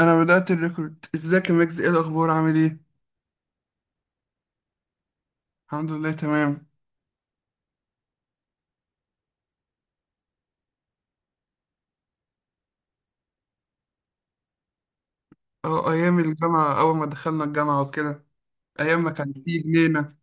انا بدأت الريكورد. ازيك يا ميكس؟ ايه الاخبار؟ عامل ايه؟ الحمد لله، تمام. اه، ايام الجامعة، اول ما دخلنا الجامعة وكده. ايام ما كان في جنينة.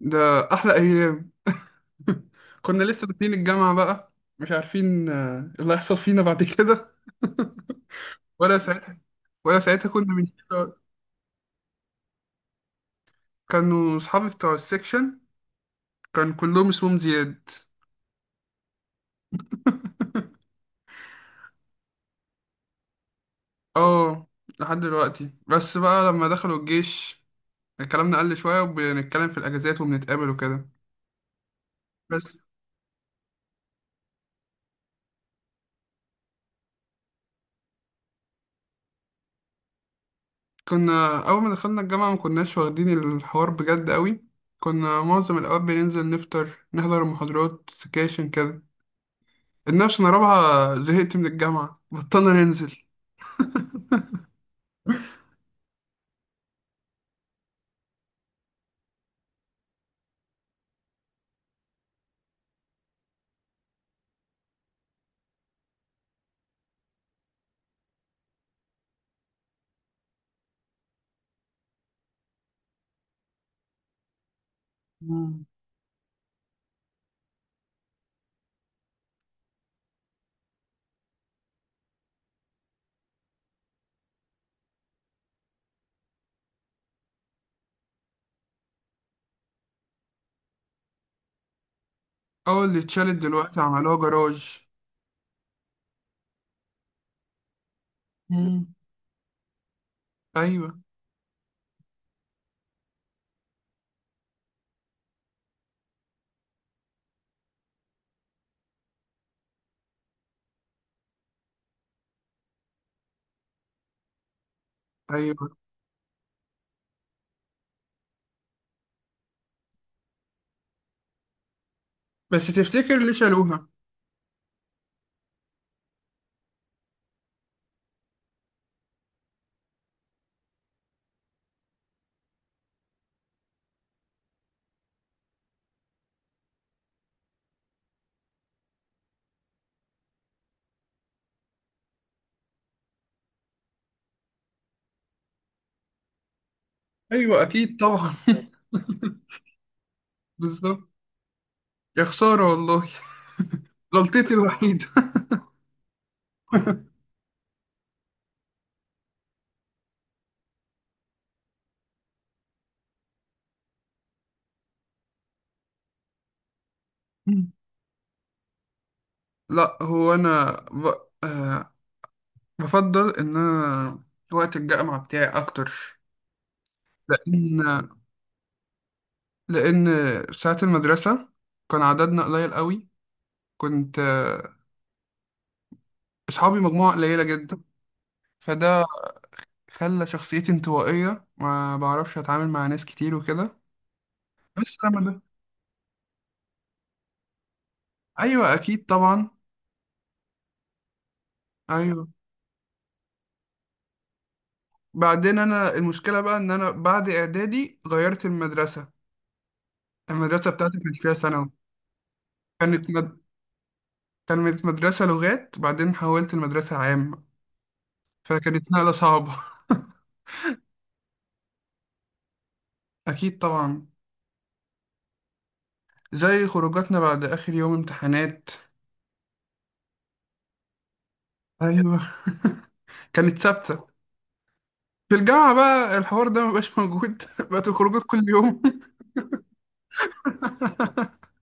ده احلى ايام. كنا لسه داخلين الجامعة بقى، مش عارفين اللي هيحصل فينا بعد كده. ولا ساعتها ولا ساعتها كنا من كانوا اصحابي بتوع السكشن، كان كلهم اسمهم زياد. اه، لحد دلوقتي، بس بقى لما دخلوا الجيش كلامنا قل شوية، وبنتكلم في الاجازات وبنتقابل وكده. بس. كنا أول ما دخلنا الجامعة ما كناش واخدين الحوار بجد قوي. كنا معظم الأوقات بننزل نفطر، نحضر المحاضرات، سكاشن كده. الناس، أنا رابعة زهقت من الجامعة، بطلنا ننزل. مم. أول اللي اتشالت دلوقتي عملوها جراج. مم. أيوة. أيوة، بس تفتكر ليه شالوها؟ أيوة أكيد طبعا. بالظبط. يا خسارة والله. غلطتي الوحيدة. مم. لا، هو أنا آه بفضل إن أنا وقت الجامعة بتاعي أكتر. لأن لأن ساعة المدرسة كان عددنا قليل قوي. كنت أصحابي مجموعة قليلة جدا. فده خلى شخصيتي انطوائية، ما بعرفش أتعامل مع ناس كتير وكده. بس لما ده. أيوة أكيد طبعا. أيوة. بعدين أنا المشكلة بقى إن أنا بعد إعدادي غيرت المدرسة. المدرسة بتاعتي كانت فيها ثانوي. كانت مد... كانت مدرسة لغات، بعدين حولت المدرسة عام، فكانت نقلة صعبة. أكيد طبعا. زي خروجاتنا بعد آخر يوم امتحانات. ايوه، كانت ثابته. في الجامعه بقى الحوار ده مبقاش موجود. بقت الخروجات كل يوم.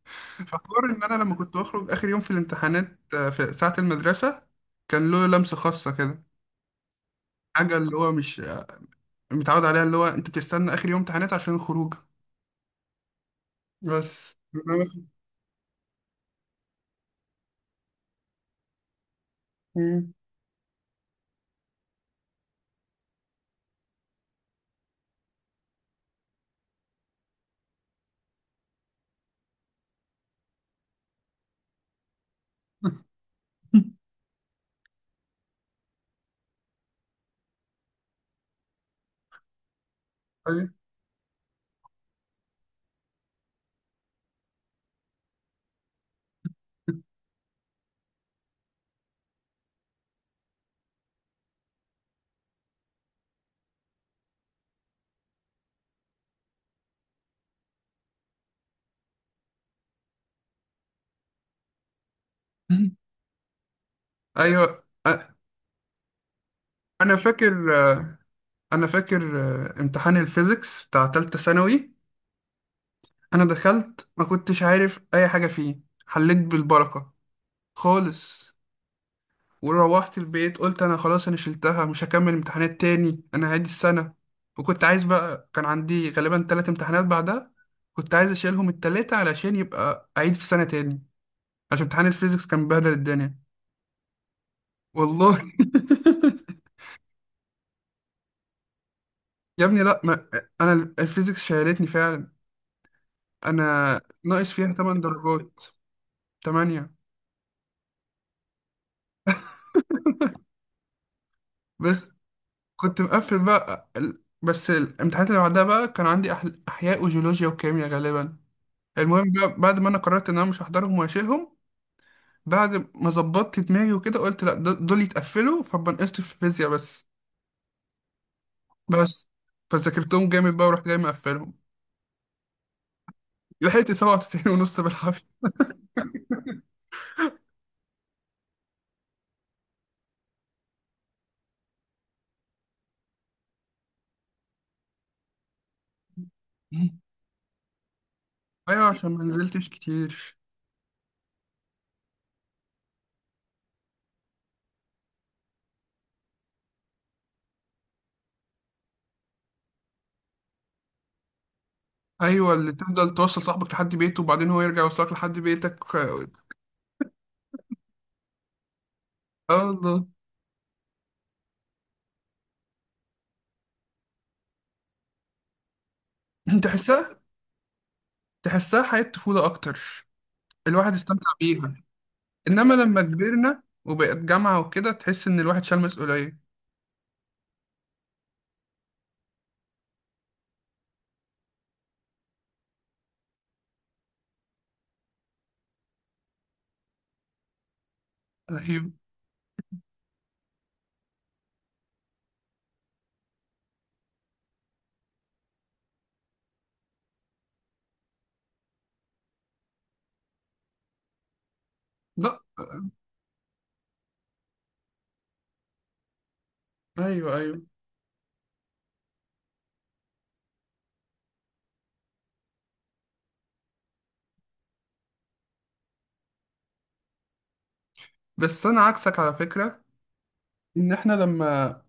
فحوار ان انا لما كنت بخرج اخر يوم في الامتحانات في ساعه المدرسه كان له لمسه خاصه كده. حاجه اللي هو مش متعود عليها، اللي هو انت بتستنى اخر يوم امتحانات عشان الخروج. بس. مم. أيوة. ايوه انا فاكر انا فاكر امتحان الفيزيكس بتاع تالتة ثانوي. انا دخلت ما كنتش عارف اي حاجه فيه، حليت بالبركه خالص. وروحت البيت قلت انا خلاص، انا شلتها، مش هكمل امتحانات تاني، انا هعيد السنة. وكنت عايز بقى، كان عندي غالبا ثلاث امتحانات بعدها، كنت عايز اشيلهم التلاتة علشان يبقى اعيد في السنة تاني، عشان امتحان الفيزيكس كان بهدل الدنيا. والله. يا ابني، لا، ما انا الفيزيكس شيلتني فعلا. انا ناقص فيها 8 درجات. 8. بس كنت مقفل بقى بس الامتحانات اللي بعدها بقى كان عندي احياء وجيولوجيا وكيمياء غالبا. المهم بقى، بعد ما انا قررت ان انا مش هحضرهم وهشيلهم، بعد ما ظبطت دماغي وكده قلت لا، دول يتقفلوا، فبنقصت في الفيزياء بس. بس. فذاكرتهم جامد بقى ورحت جاي مقفلهم. لحقت 97 ونص بالعافية. ايوه، عشان ما نزلتش كتير. ايوه، اللي تفضل توصل صاحبك لحد بيته وبعدين هو يرجع يوصلك لحد بيتك. اه، الله. تحسها تحسها حياة طفولة اكتر، الواحد استمتع بيها. انما لما كبرنا وبقت جامعة وكده تحس ان الواحد شال مسؤولية. ايوه. لا. ايوه، ايوه. بس انا عكسك على فكره، ان احنا لما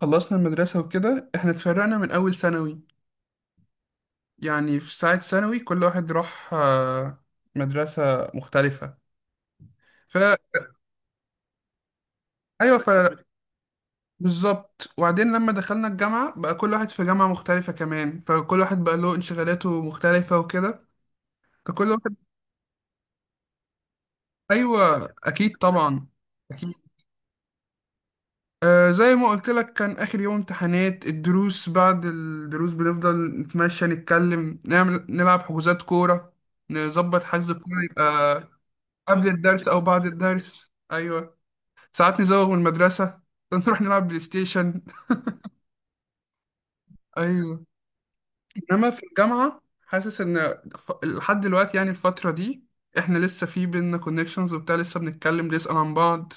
خلصنا المدرسه وكده احنا اتفرقنا من اول ثانوي. يعني في ساعه ثانوي كل واحد راح مدرسه مختلفه. فا ايوه بالظبط، وبعدين لما دخلنا الجامعه بقى كل واحد في جامعه مختلفه كمان، فكل واحد بقى له انشغالاته مختلفه وكده. فكل واحد. ايوه اكيد طبعا. آه، زي ما قلت لك، كان آخر يوم امتحانات الدروس، بعد الدروس بنفضل نتمشى، نتكلم، نعمل، نلعب حجوزات كورة، نظبط حجز الكورة، يبقى قبل الدرس أو بعد الدرس. أيوه. ساعات نزوغ من المدرسة نروح نلعب بلاي ستيشن. أيوه، إنما في الجامعة حاسس إن لحد دلوقتي يعني الفترة دي إحنا لسه في بينا كونكشنز وبتاع، لسه بنتكلم بنسأل عن بعض.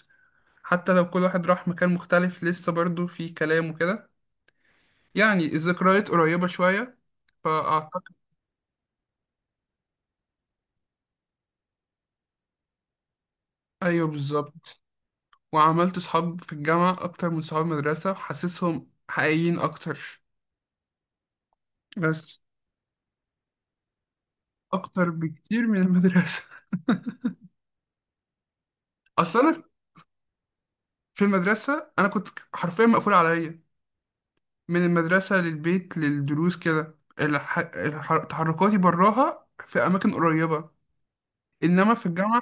حتى لو كل واحد راح مكان مختلف لسه برضه في كلام وكده، يعني الذكريات قريبة شوية، فأعتقد. أيوه بالظبط. وعملت صحاب في الجامعة أكتر من صحاب المدرسة، حاسسهم حقيقيين أكتر. بس. أكتر بكتير من المدرسة. أصل أنا في المدرسة أنا كنت حرفيا مقفول عليا، من المدرسة للبيت للدروس كده تحركاتي براها في أماكن قريبة. إنما في الجامعة.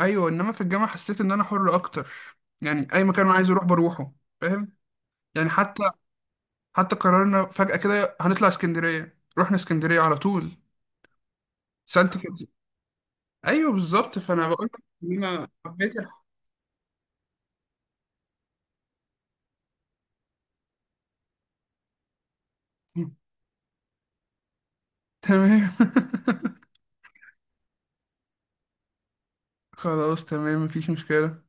أيوه، إنما في الجامعة حسيت إن أنا حر أكتر، يعني أي مكان أنا عايز أروح بروحه. فاهم؟ يعني حتى قررنا فجأة كده هنطلع اسكندرية، رحنا اسكندرية على طول. سانت كانت. ايوه بالظبط، فانا بقول لك ان انا حبيت تمام. خلاص تمام، مفيش مشكلة.